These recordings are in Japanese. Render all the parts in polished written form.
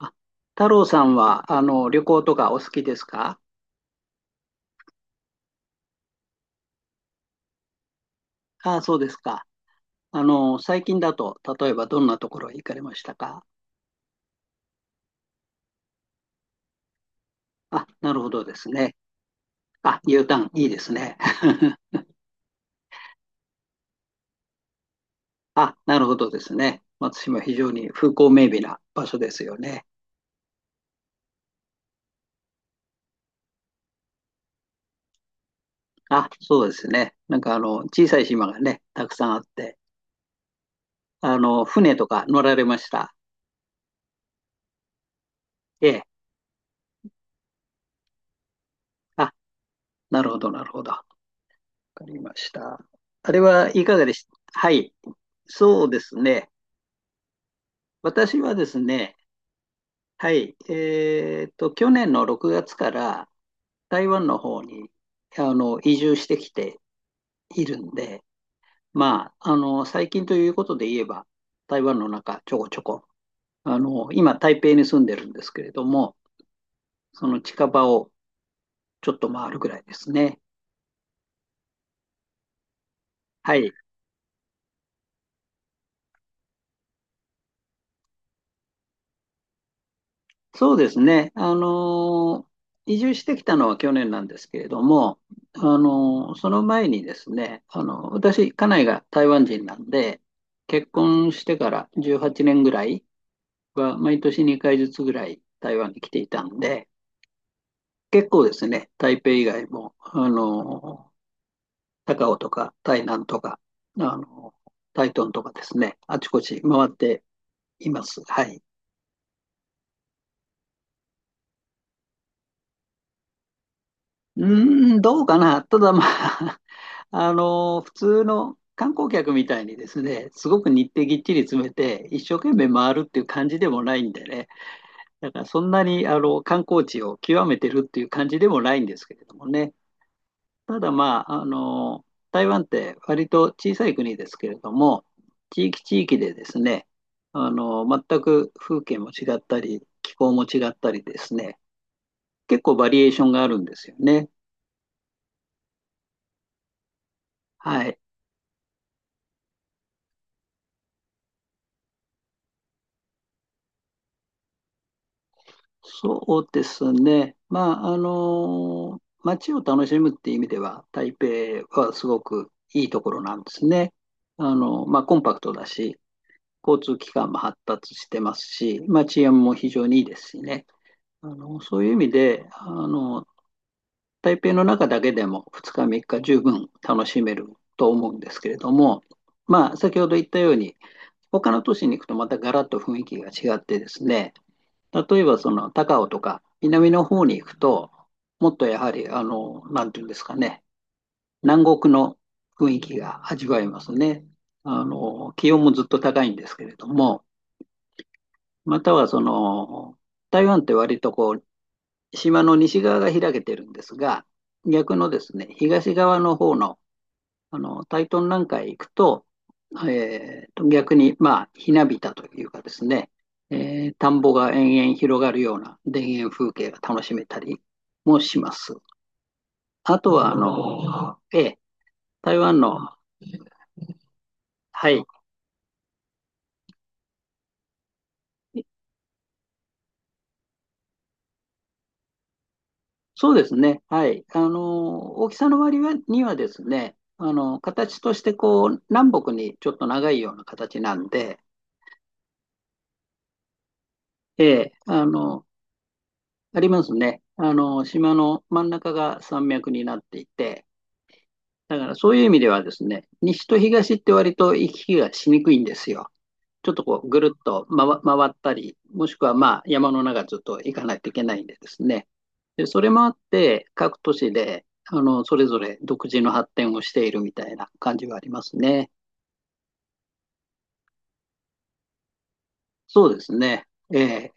あ太郎さんは、旅行とかお好きですか？ああ、そうですか。最近だと、例えばどんなところへ行かれましたか？あ、なるほどですね。あ、U ターン、いいですね。あ、なるほどですね。松島、非常に風光明媚な場所ですよね。あ、そうですね。なんか、小さい島がね、たくさんあって、船とか乗られました。ええ。あ、なるほど、なるほど。わかりました。あれはいかがでした？はい。そうですね。私はですね、はい、去年の6月から台湾の方に移住してきているんで、まあ、最近ということで言えば、台湾の中、ちょこちょこ、今、台北に住んでるんですけれども、その近場をちょっと回るぐらいですね。はい。そうですね。移住してきたのは去年なんですけれども、その前にですね、私、家内が台湾人なんで、結婚してから18年ぐらいは、毎年2回ずつぐらい台湾に来ていたんで、結構ですね、台北以外も、高雄とか台南とか、あのー台東とかですね、あちこち回っています。はい。うーん、どうかな。ただまあ、普通の観光客みたいにですね、すごく日程ぎっちり詰めて、一生懸命回るっていう感じでもないんでね、だからそんなに観光地を極めてるっていう感じでもないんですけれどもね、ただまあ、台湾って割と小さい国ですけれども、地域地域でですね、全く風景も違ったり、気候も違ったりですね、結構バリエーションがあるんですよね。はい。そうですね。まあ、街を楽しむっていう意味では、台北はすごくいいところなんですね。まあ、コンパクトだし、交通機関も発達してますし、まあ、治安も非常にいいですしね。そういう意味で、台北の中だけでも2日3日十分楽しめると思うんですけれども、まあ、先ほど言ったように、他の都市に行くとまたガラッと雰囲気が違ってですね、例えばその高尾とか南の方に行くと、もっとやはり、なんていうんですかね、南国の雰囲気が味わえますね。気温もずっと高いんですけれども、またはその、台湾って割とこう、島の西側が開けてるんですが、逆のですね、東側の方のタイトンなんかへ行くと、逆に、まあ、ひなびたというかですね、田んぼが延々広がるような田園風景が楽しめたりもします。あとは、ええ、台湾の、はい、そうですね、はい、大きさの割にはですね、形としてこう、南北にちょっと長いような形なんで、ええ、ありますね。島の真ん中が山脈になっていて、だからそういう意味ではですね、西と東って割と行き来がしにくいんですよ。ちょっとこうぐるっと回ったり、もしくはまあ山の中ずっと行かないといけないんでですね。で、それもあって各都市でそれぞれ独自の発展をしているみたいな感じはありますね。そうですね。ええ。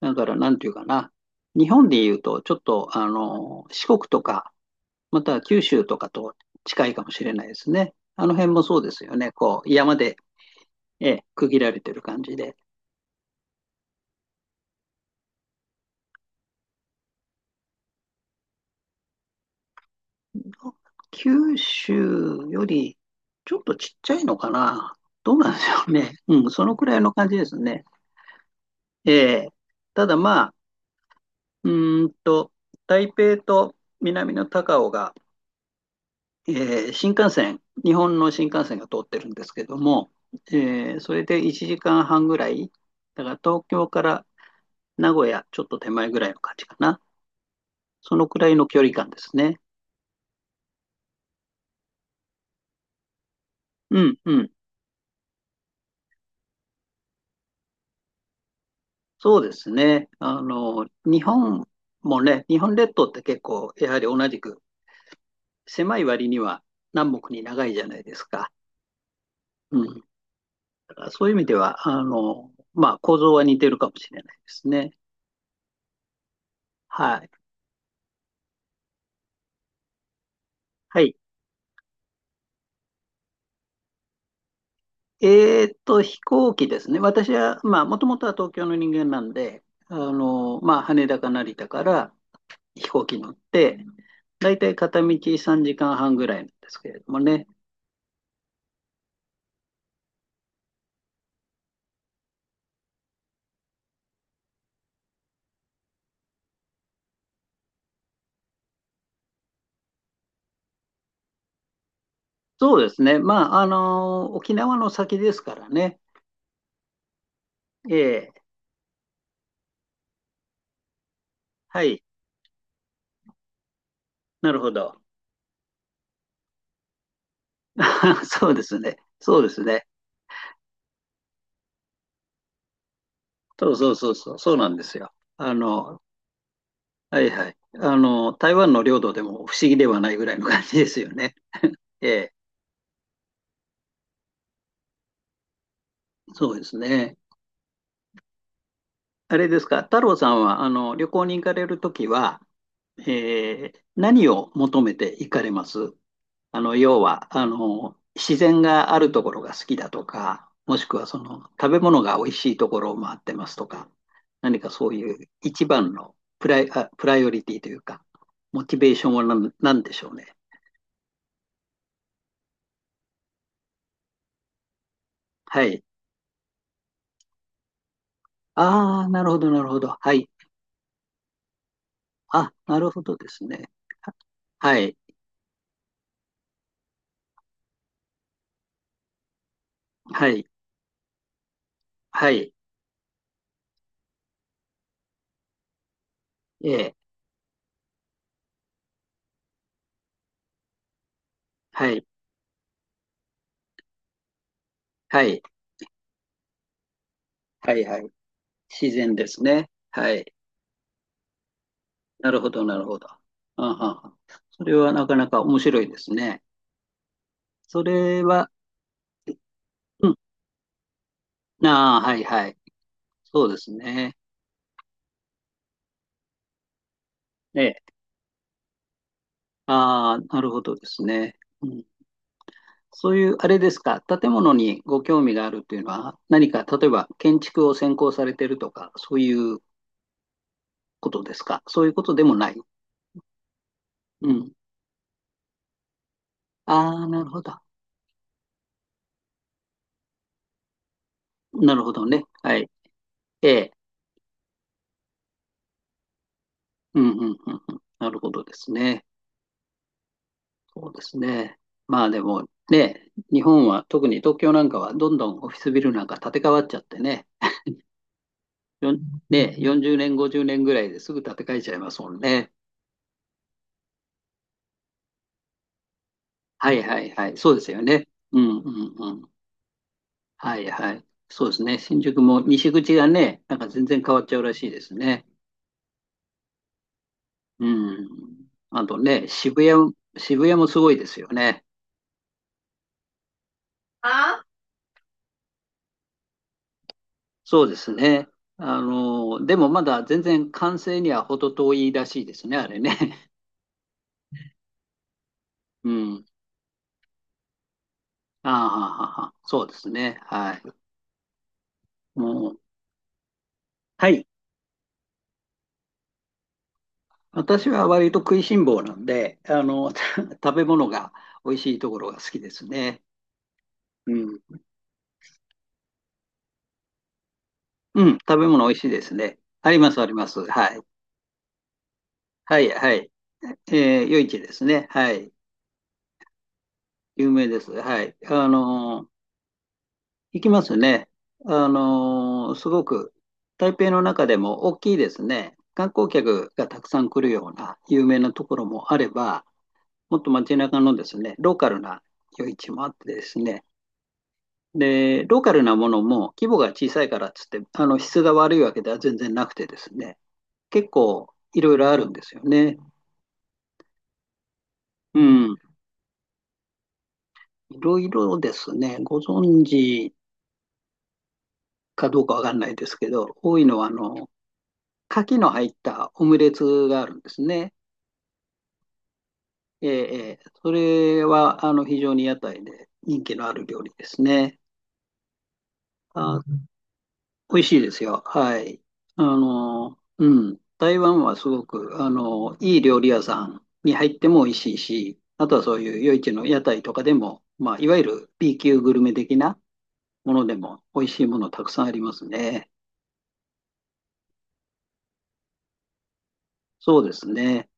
だからなんていうかな。日本でいうとちょっと四国とか、または九州とかと近いかもしれないですね。あの辺もそうですよね。こう山で、ええ、区切られてる感じで。九州よりちょっとちっちゃいのかな。どうなんでしょうね。うん、そのくらいの感じですね。ええ。ただまあ、うーんと、台北と南の高雄が、ええ、新幹線、日本の新幹線が通ってるんですけども、ええ、それで1時間半ぐらい、だから東京から名古屋ちょっと手前ぐらいの感じかな。そのくらいの距離感ですね。うん、うん。そうですね。日本もね、日本列島って結構、やはり同じく狭い割には南北に長いじゃないですか。うん。だからそういう意味では、まあ、構造は似てるかもしれないですね。はい。はい。飛行機ですね。私は、まあ、もともとは東京の人間なんで、まあ、羽田か成田から飛行機乗って、だいたい片道3時間半ぐらいなんですけれどもね。そうですね。まあ、沖縄の先ですからね。ええ、はい。なるほど。そうですね。そうですね。そうそうそうそう。そうなんですよ。はいはい。台湾の領土でも不思議ではないぐらいの感じですよね。ええ、そうですね。あれですか、太郎さんは、旅行に行かれるときは、ええ、何を求めて行かれます？要は、自然があるところが好きだとか、もしくはその食べ物が美味しいところを回ってますとか、何かそういう一番のプライオリティというか、モチベーションはなんでしょうね。はい。ああ、なるほど、なるほど。はい。あ、なるほどですね。はい。はい。はい。ええ。はい。はい。はい。はい。自然ですね。はい。なるほど、なるほど。ああ、それはなかなか面白いですね。それは、うん。ああ、はいはい。そうですね。ええ。ああ、なるほどですね。うん。そういう、あれですか、建物にご興味があるっていうのは、何か、例えば建築を専攻されてるとか、そういうことですか。そういうことでもない。うん。ああ、なるほど。なるほどね。はい。ええ。うん、うん、うん、うん。なるほどですね。そうですね。まあでもね、日本は特に東京なんかはどんどんオフィスビルなんか建て替わっちゃってね、ね、40年、50年ぐらいですぐ建て替えちゃいますもんね。はいはいはい。そうですよね。うんうんうん。はいはい。そうですね。新宿も西口がね、なんか全然変わっちゃうらしいですね。うん。あとね、渋谷もすごいですよね。あ、そうですね。でもまだ全然完成には程遠いらしいですね、あれね。うん。ああ、はあはあはあ、そうですね。はい。もう、はい。私は割と食いしん坊なんで、食べ物が美味しいところが好きですね。うん。うん、食べ物美味しいですね。あります、あります。はい。はい、はい。夜市ですね。はい。有名です。はい。行きますね。すごく、台北の中でも大きいですね。観光客がたくさん来るような有名なところもあれば、もっと街中のですね、ローカルな夜市もあってですね、で、ローカルなものも規模が小さいからっつって、質が悪いわけでは全然なくてですね、結構いろいろあるんですよね。うん。いろいろですね、ご存知かどうかわかんないですけど、多いのは牡蠣の入ったオムレツがあるんですね。ええ、それは非常に屋台で人気のある料理ですね。うあ美味しいですよ。はい。うん。台湾はすごく、いい料理屋さんに入っても美味しいし、あとはそういう夜市の屋台とかでも、まあ、いわゆる B 級グルメ的なものでも美味しいものたくさんありますね。そうですね。